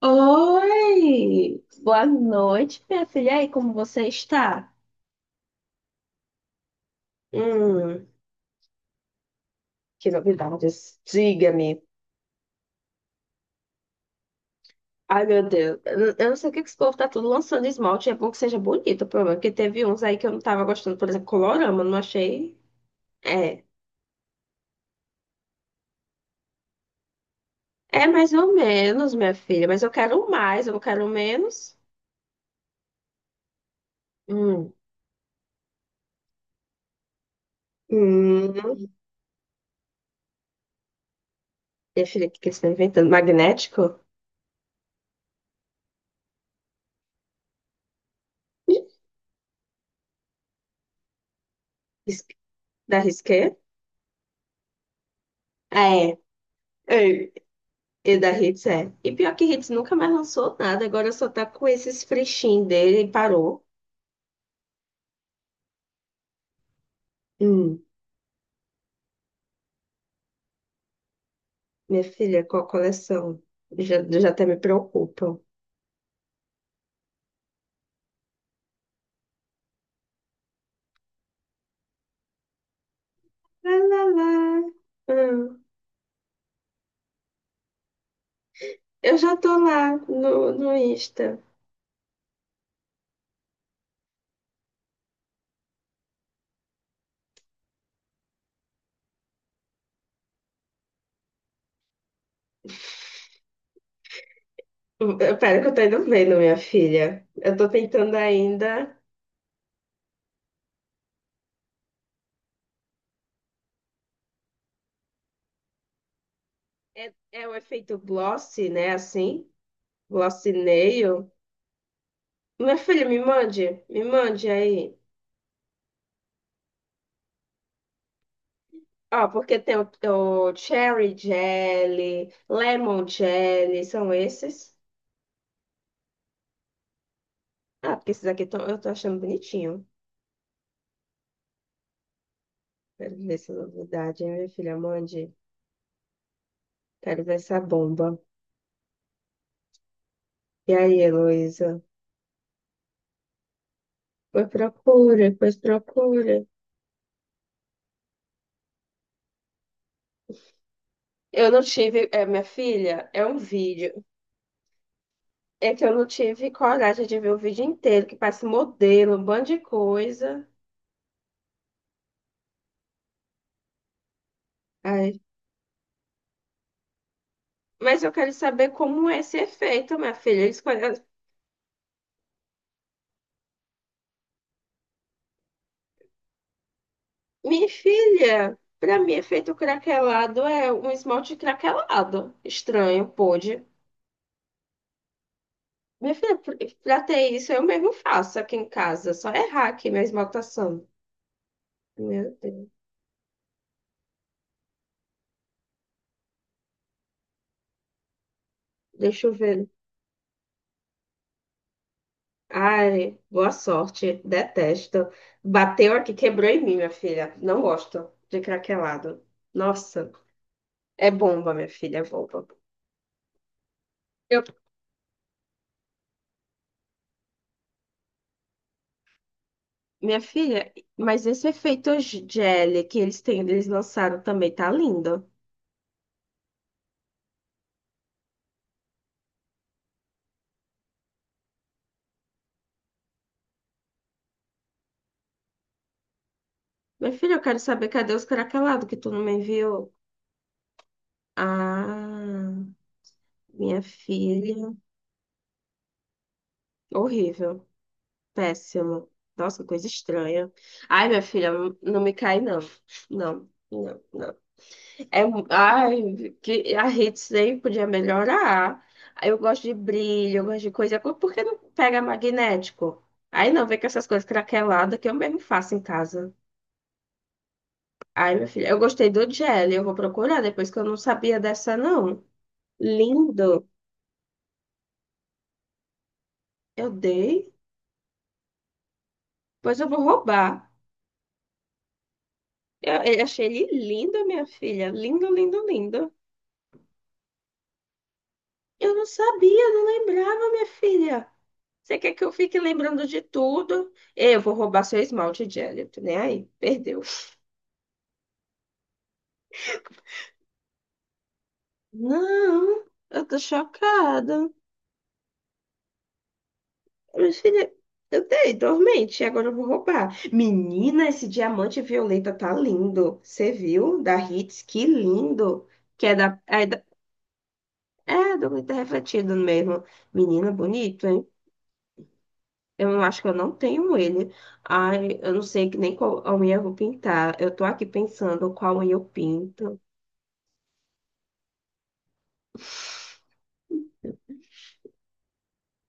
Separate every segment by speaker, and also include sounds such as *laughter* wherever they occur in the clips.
Speaker 1: Oi! Boa noite, minha filha. E aí, como você está? Hum, que novidades. Diga-me. Ai, meu Deus. Eu não sei o que que esse povo tá tudo lançando esmalte. É bom que seja bonito, o problema. Porque teve uns aí que eu não tava gostando. Por exemplo, Colorama, não achei. É. É mais ou menos, minha filha. Mas eu quero mais, eu não quero menos. Hum, Hum. Minha filha, o que que eles estão inventando? Magnético? Ris- Da Risqué? É. É. E da Hits é. E pior que Hits nunca mais lançou nada, agora só tá com esses frechinhos dele e parou. Hum, Minha filha, qual a coleção? Já, já até me preocupam. Lá, lá, lá. Hum, eu já tô lá no Insta. Pera que eu tô indo vendo, minha filha. Eu tô tentando ainda. É, é o efeito gloss, né? Assim, gloss nail. Minha filha, me mande aí. Ó, porque tem o cherry jelly, lemon jelly, são esses. Ah, porque esses aqui eu tô achando bonitinho. Quero ver essa novidade, hein, minha filha? Mande. Quero ver essa bomba. E aí, Heloísa? Pois procura, pois procura. Eu não tive, é, minha filha, é um vídeo. É que eu não tive coragem de ver o vídeo inteiro, que passa modelo, um bando de coisa. Ai. Mas eu quero saber como é esse efeito, minha filha. Eles. Minha filha, pra mim, efeito craquelado é um esmalte craquelado. Estranho, pode. Minha filha, pra ter isso, eu mesmo faço aqui em casa. Só errar aqui minha esmaltação. Meu Deus. Deixa eu ver. Ai, boa sorte. Detesto. Bateu aqui, quebrou em mim, minha filha. Não gosto de craquelado. Nossa, é bomba, minha filha, é bomba. Eu- Minha filha, mas esse efeito gel que eles têm, eles lançaram também, tá lindo. Minha filha, eu quero saber cadê os caracalados que tu não me enviou? Ah, minha filha. Horrível. Péssimo. Nossa, coisa estranha. Ai, minha filha, não não me cai, não. Não, não, não. É, ai, que a rede sempre podia melhorar. Aí, eu gosto de brilho, eu gosto de coisa. Por que não pega magnético? Aí não, vem com essas coisas craqueladas que eu mesmo faço em casa. Ai, minha filha, eu gostei do gel, eu vou procurar depois que eu não sabia dessa, não. Lindo. Eu dei, pois eu vou roubar. Eu achei ele lindo, minha filha. Lindo, lindo, lindo. Eu não sabia, não lembrava, minha filha. Você quer que eu fique lembrando de tudo? Eu vou roubar seu esmalte, Jelly. Tô nem aí. Perdeu. Não, eu tô chocada. Minha filha, eu dei dormente, agora eu vou roubar. Menina, esse diamante violeta tá lindo. Você viu? Da Hits, que lindo. Que é da. É, dormir tá refletido mesmo. Menina, bonito, hein? Eu acho que eu não tenho ele. Ai, eu não sei que nem qual a unha eu vou pintar. Eu tô aqui pensando qual unha eu pinto.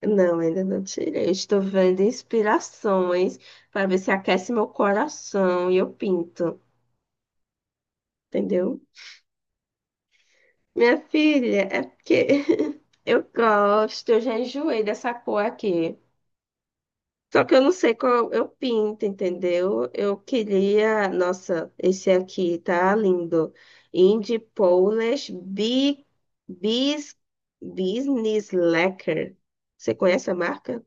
Speaker 1: Não, ainda não tirei. Estou vendo inspirações para ver se aquece meu coração e eu pinto, entendeu? Minha filha, é porque *laughs* eu gosto, eu já enjoei dessa cor aqui. Só que eu não sei qual eu pinto, entendeu? Eu queria. Nossa, esse aqui tá lindo. Indie Polish Bis, Business Lacquer. Você conhece a marca?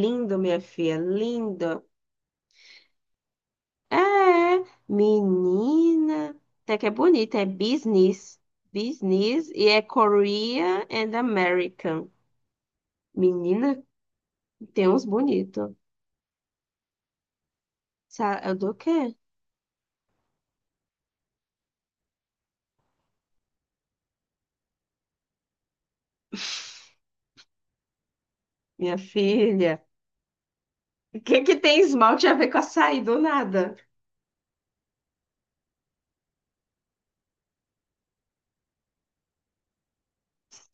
Speaker 1: Lindo, minha filha, lindo. É, menina. Até que é bonita, é business. Business e é Korea and American. Menina, tem uns bonitos. É do quê? *laughs* Minha filha. O que que tem esmalte a ver com açaí do nada?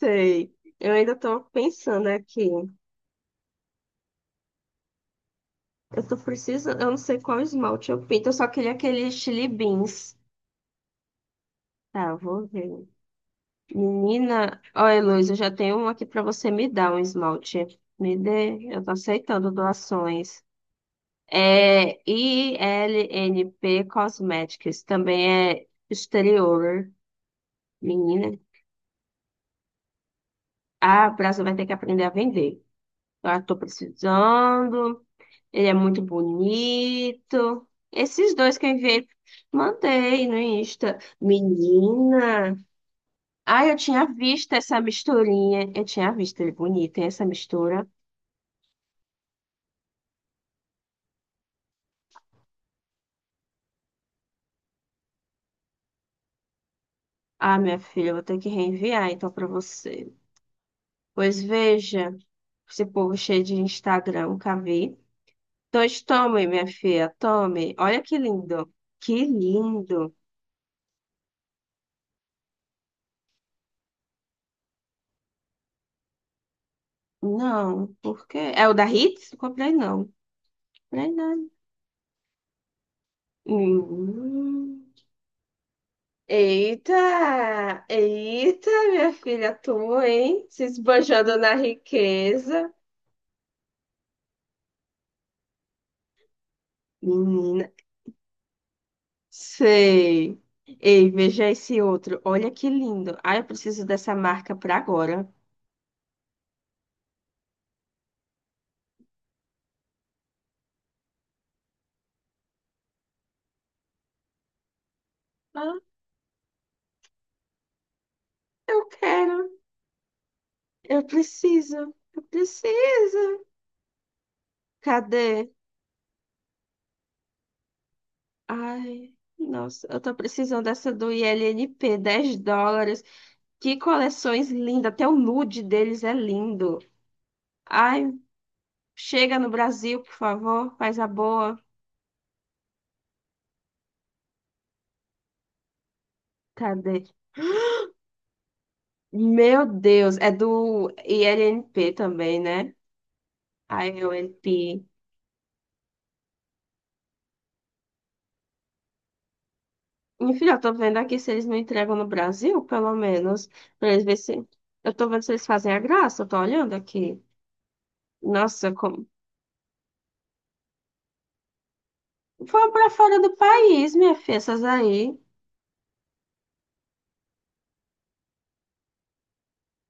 Speaker 1: Sei. Eu ainda tô pensando aqui. Eu tô precisando, eu não sei qual esmalte eu pinto, eu só queria aquele Chili Beans. Tá, vou ver. Menina, olha, Luiz, eu já tenho um aqui pra você me dar um esmalte. Me dê, eu tô aceitando doações. É I L N P Cosmetics, também é exterior. Menina, ah, o Brasil vai ter que aprender a vender. Eu tô precisando. Ele é muito bonito. Esses dois que eu enviei, mandei no Insta. Menina. Ah, eu tinha visto essa misturinha. Eu tinha visto ele bonito, hein, essa mistura. Ah, minha filha, eu vou ter que reenviar então pra você. Pois veja, esse povo cheio de Instagram, nunca vi. Pois tome, minha filha, tome. Olha que lindo. Que lindo. Não, por quê? É o da Hits? Não comprei, não. Comprei nada. Hum. Eita, eita, minha filha, tu, hein? Se esbanjando na riqueza. Menina, sei. Ei, veja esse outro. Olha que lindo. Ah, eu preciso dessa marca pra agora. Ah, eu quero. Eu preciso. Eu preciso. Cadê? Ai, nossa, eu tô precisando dessa do ILNP, US$ 10. Que coleções lindas. Até o nude deles é lindo. Ai, chega no Brasil, por favor, faz a boa. Cadê? Meu Deus, é do ILNP também, né? ILNP. Enfim, eu tô vendo aqui se eles não entregam no Brasil, pelo menos, pra eles ver se. Eu tô vendo se eles fazem a graça, eu tô olhando aqui. Nossa, como. Vão pra fora do país, minha filha, essas aí.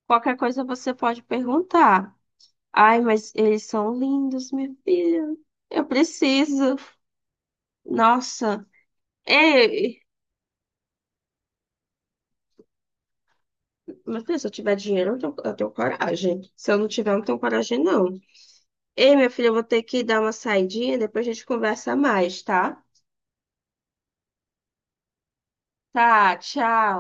Speaker 1: Qualquer coisa você pode perguntar. Ai, mas eles são lindos, minha filha. Eu preciso. Nossa. Ei, mas filha, se eu tiver dinheiro, eu tenho coragem. Se eu não tiver, eu não tenho coragem, não. Ei, minha filha, eu vou ter que dar uma saidinha, depois a gente conversa mais, tá? Tá, tchau.